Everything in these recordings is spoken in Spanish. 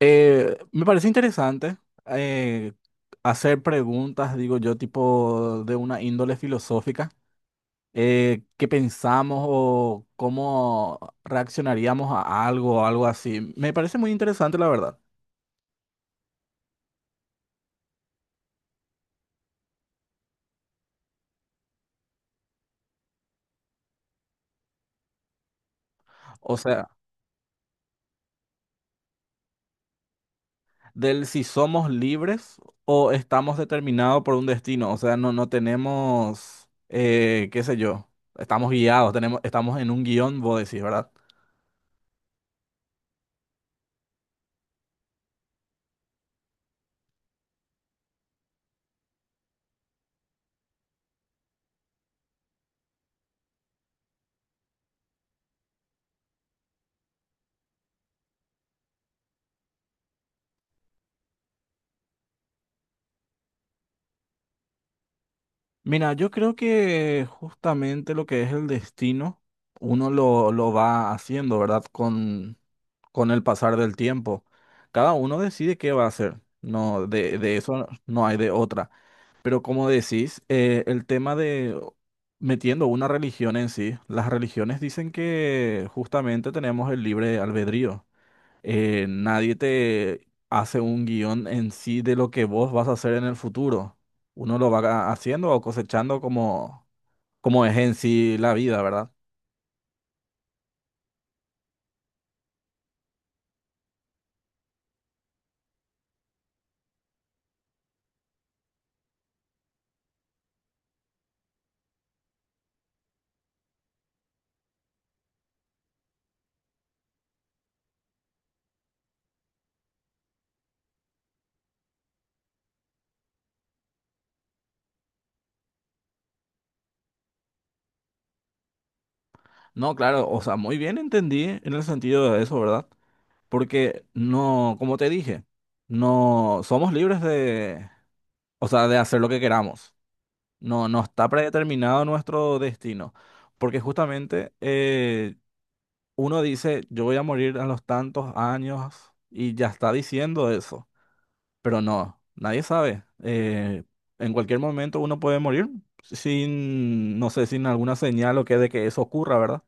Me parece interesante eh, hacer preguntas, digo yo, tipo de una índole filosófica. ¿Qué pensamos o cómo reaccionaríamos a algo o algo así? Me parece muy interesante, la verdad. O sea, del si somos libres o estamos determinados por un destino. O sea, no tenemos, qué sé yo, estamos guiados, tenemos, estamos en un guión, vos decís, ¿verdad? Mira, yo creo que justamente lo que es el destino, uno lo va haciendo, ¿verdad? Con el pasar del tiempo. Cada uno decide qué va a hacer. No, de eso no hay de otra. Pero como decís, el tema de metiendo una religión en sí, las religiones dicen que justamente tenemos el libre albedrío, nadie te hace un guión en sí de lo que vos vas a hacer en el futuro. Uno lo va haciendo o cosechando como, como es en sí la vida, ¿verdad? No, claro, o sea, muy bien entendí en el sentido de eso, ¿verdad? Porque no, como te dije, no somos libres de, o sea, de hacer lo que queramos. No, no está predeterminado nuestro destino. Porque justamente uno dice, yo voy a morir a los tantos años y ya está diciendo eso, pero no, nadie sabe. En cualquier momento uno puede morir sin, no sé, sin alguna señal o que de que eso ocurra, ¿verdad?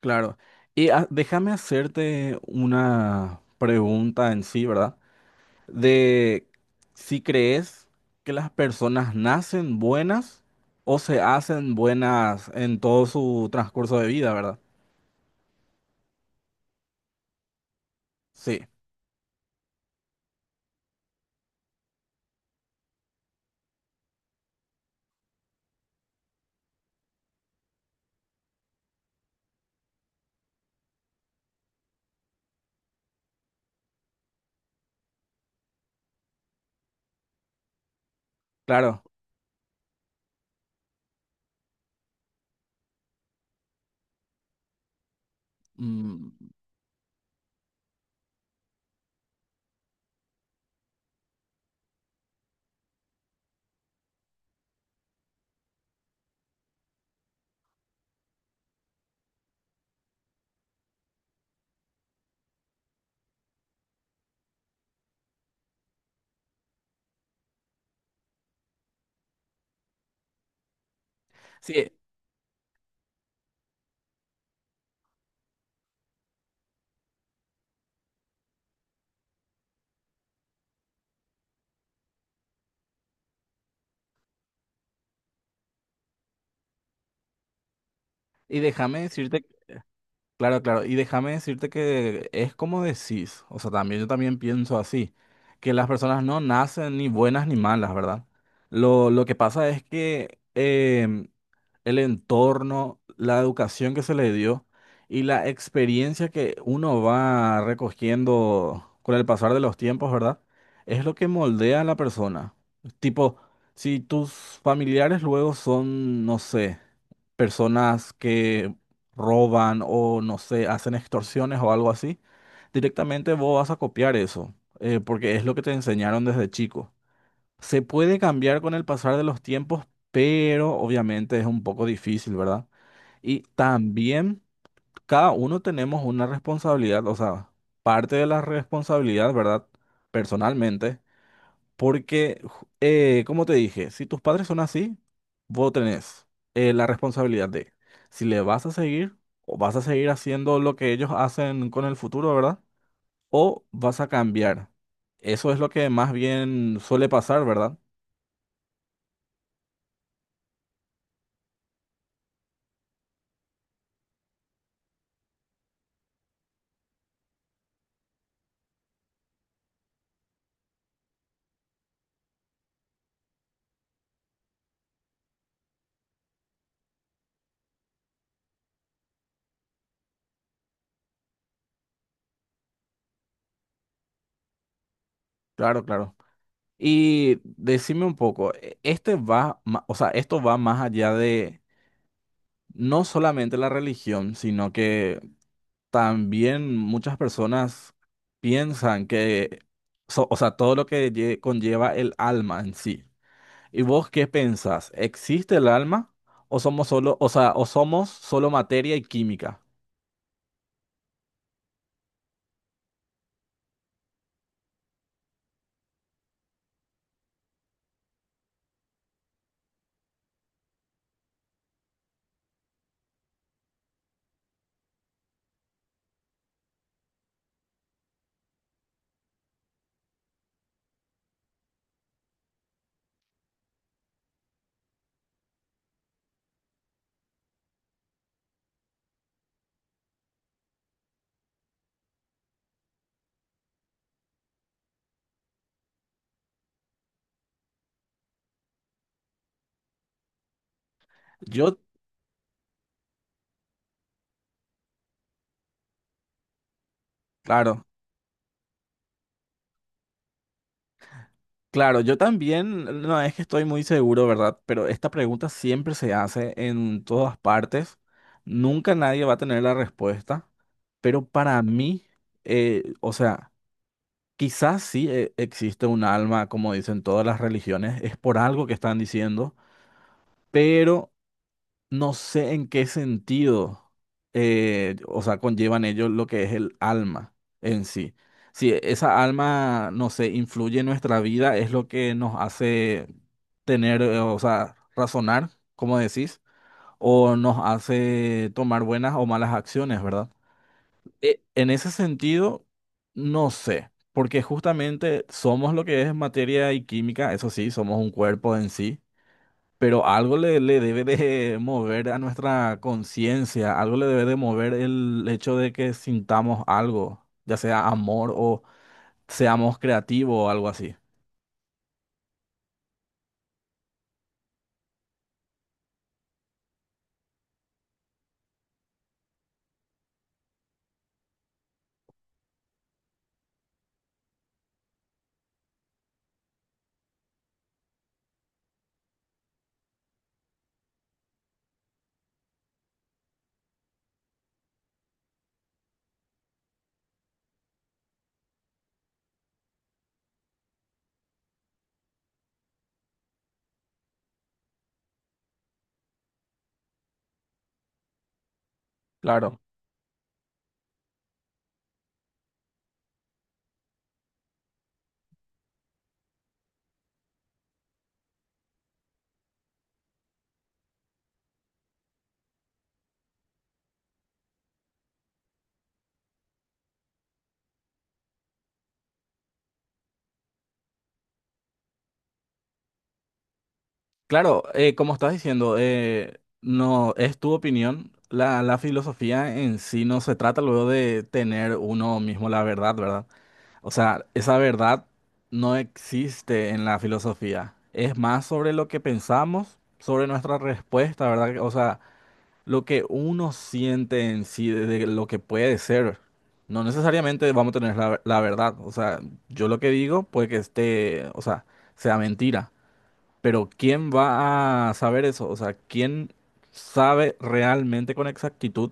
Claro. Y déjame hacerte una pregunta en sí, ¿verdad? De si crees que las personas nacen buenas o se hacen buenas en todo su transcurso de vida, ¿verdad? Sí, claro. Mm, sí, y déjame decirte, claro, claro, y déjame decirte que es como decís, o sea, también yo también pienso así, que las personas no nacen ni buenas ni malas, ¿verdad? Lo que pasa es que el entorno, la educación que se le dio y la experiencia que uno va recogiendo con el pasar de los tiempos, ¿verdad? Es lo que moldea a la persona. Tipo, si tus familiares luego son, no sé, personas que roban o no sé, hacen extorsiones o algo así, directamente vos vas a copiar eso, porque es lo que te enseñaron desde chico. Se puede cambiar con el pasar de los tiempos, pero obviamente es un poco difícil, ¿verdad? Y también cada uno tenemos una responsabilidad, o sea, parte de la responsabilidad, ¿verdad? Personalmente porque, como te dije, si tus padres son así, vos tenés la responsabilidad de si le vas a seguir o vas a seguir haciendo lo que ellos hacen con el futuro, ¿verdad? O vas a cambiar. Eso es lo que más bien suele pasar, ¿verdad? Claro, claro. Y decime un poco, este va, o sea, esto va más allá de no solamente la religión, sino que también muchas personas piensan que, o sea, todo lo que conlleva el alma en sí. ¿Y vos qué pensás? ¿Existe el alma o somos solo, o sea, o somos solo materia y química? Yo, claro, claro, yo también, no es que estoy muy seguro, ¿verdad? Pero esta pregunta siempre se hace en todas partes. Nunca nadie va a tener la respuesta. Pero para mí, o sea, quizás sí existe un alma, como dicen todas las religiones, es por algo que están diciendo, pero no sé en qué sentido, o sea, conllevan ellos lo que es el alma en sí. Si esa alma, no sé, influye en nuestra vida, es lo que nos hace tener, o sea, razonar, como decís, o nos hace tomar buenas o malas acciones, ¿verdad? En ese sentido, no sé, porque justamente somos lo que es materia y química, eso sí, somos un cuerpo en sí, pero algo le, le debe de mover a nuestra conciencia, algo le debe de mover el hecho de que sintamos algo, ya sea amor o seamos creativos o algo así. Claro, claro, como estás diciendo, no es tu opinión. La filosofía en sí no se trata luego de tener uno mismo la verdad, ¿verdad? O sea, esa verdad no existe en la filosofía. Es más sobre lo que pensamos, sobre nuestra respuesta, ¿verdad? O sea, lo que uno siente en sí, de lo que puede ser. No necesariamente vamos a tener la verdad. O sea, yo lo que digo puede que esté, o sea, sea mentira. Pero ¿quién va a saber eso? O sea, ¿quién sabe realmente con exactitud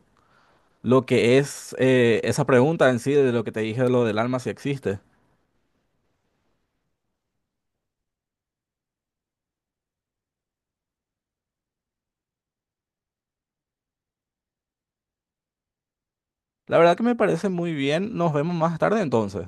lo que es esa pregunta en sí de lo que te dije de lo del alma si existe? La verdad que me parece muy bien. Nos vemos más tarde entonces.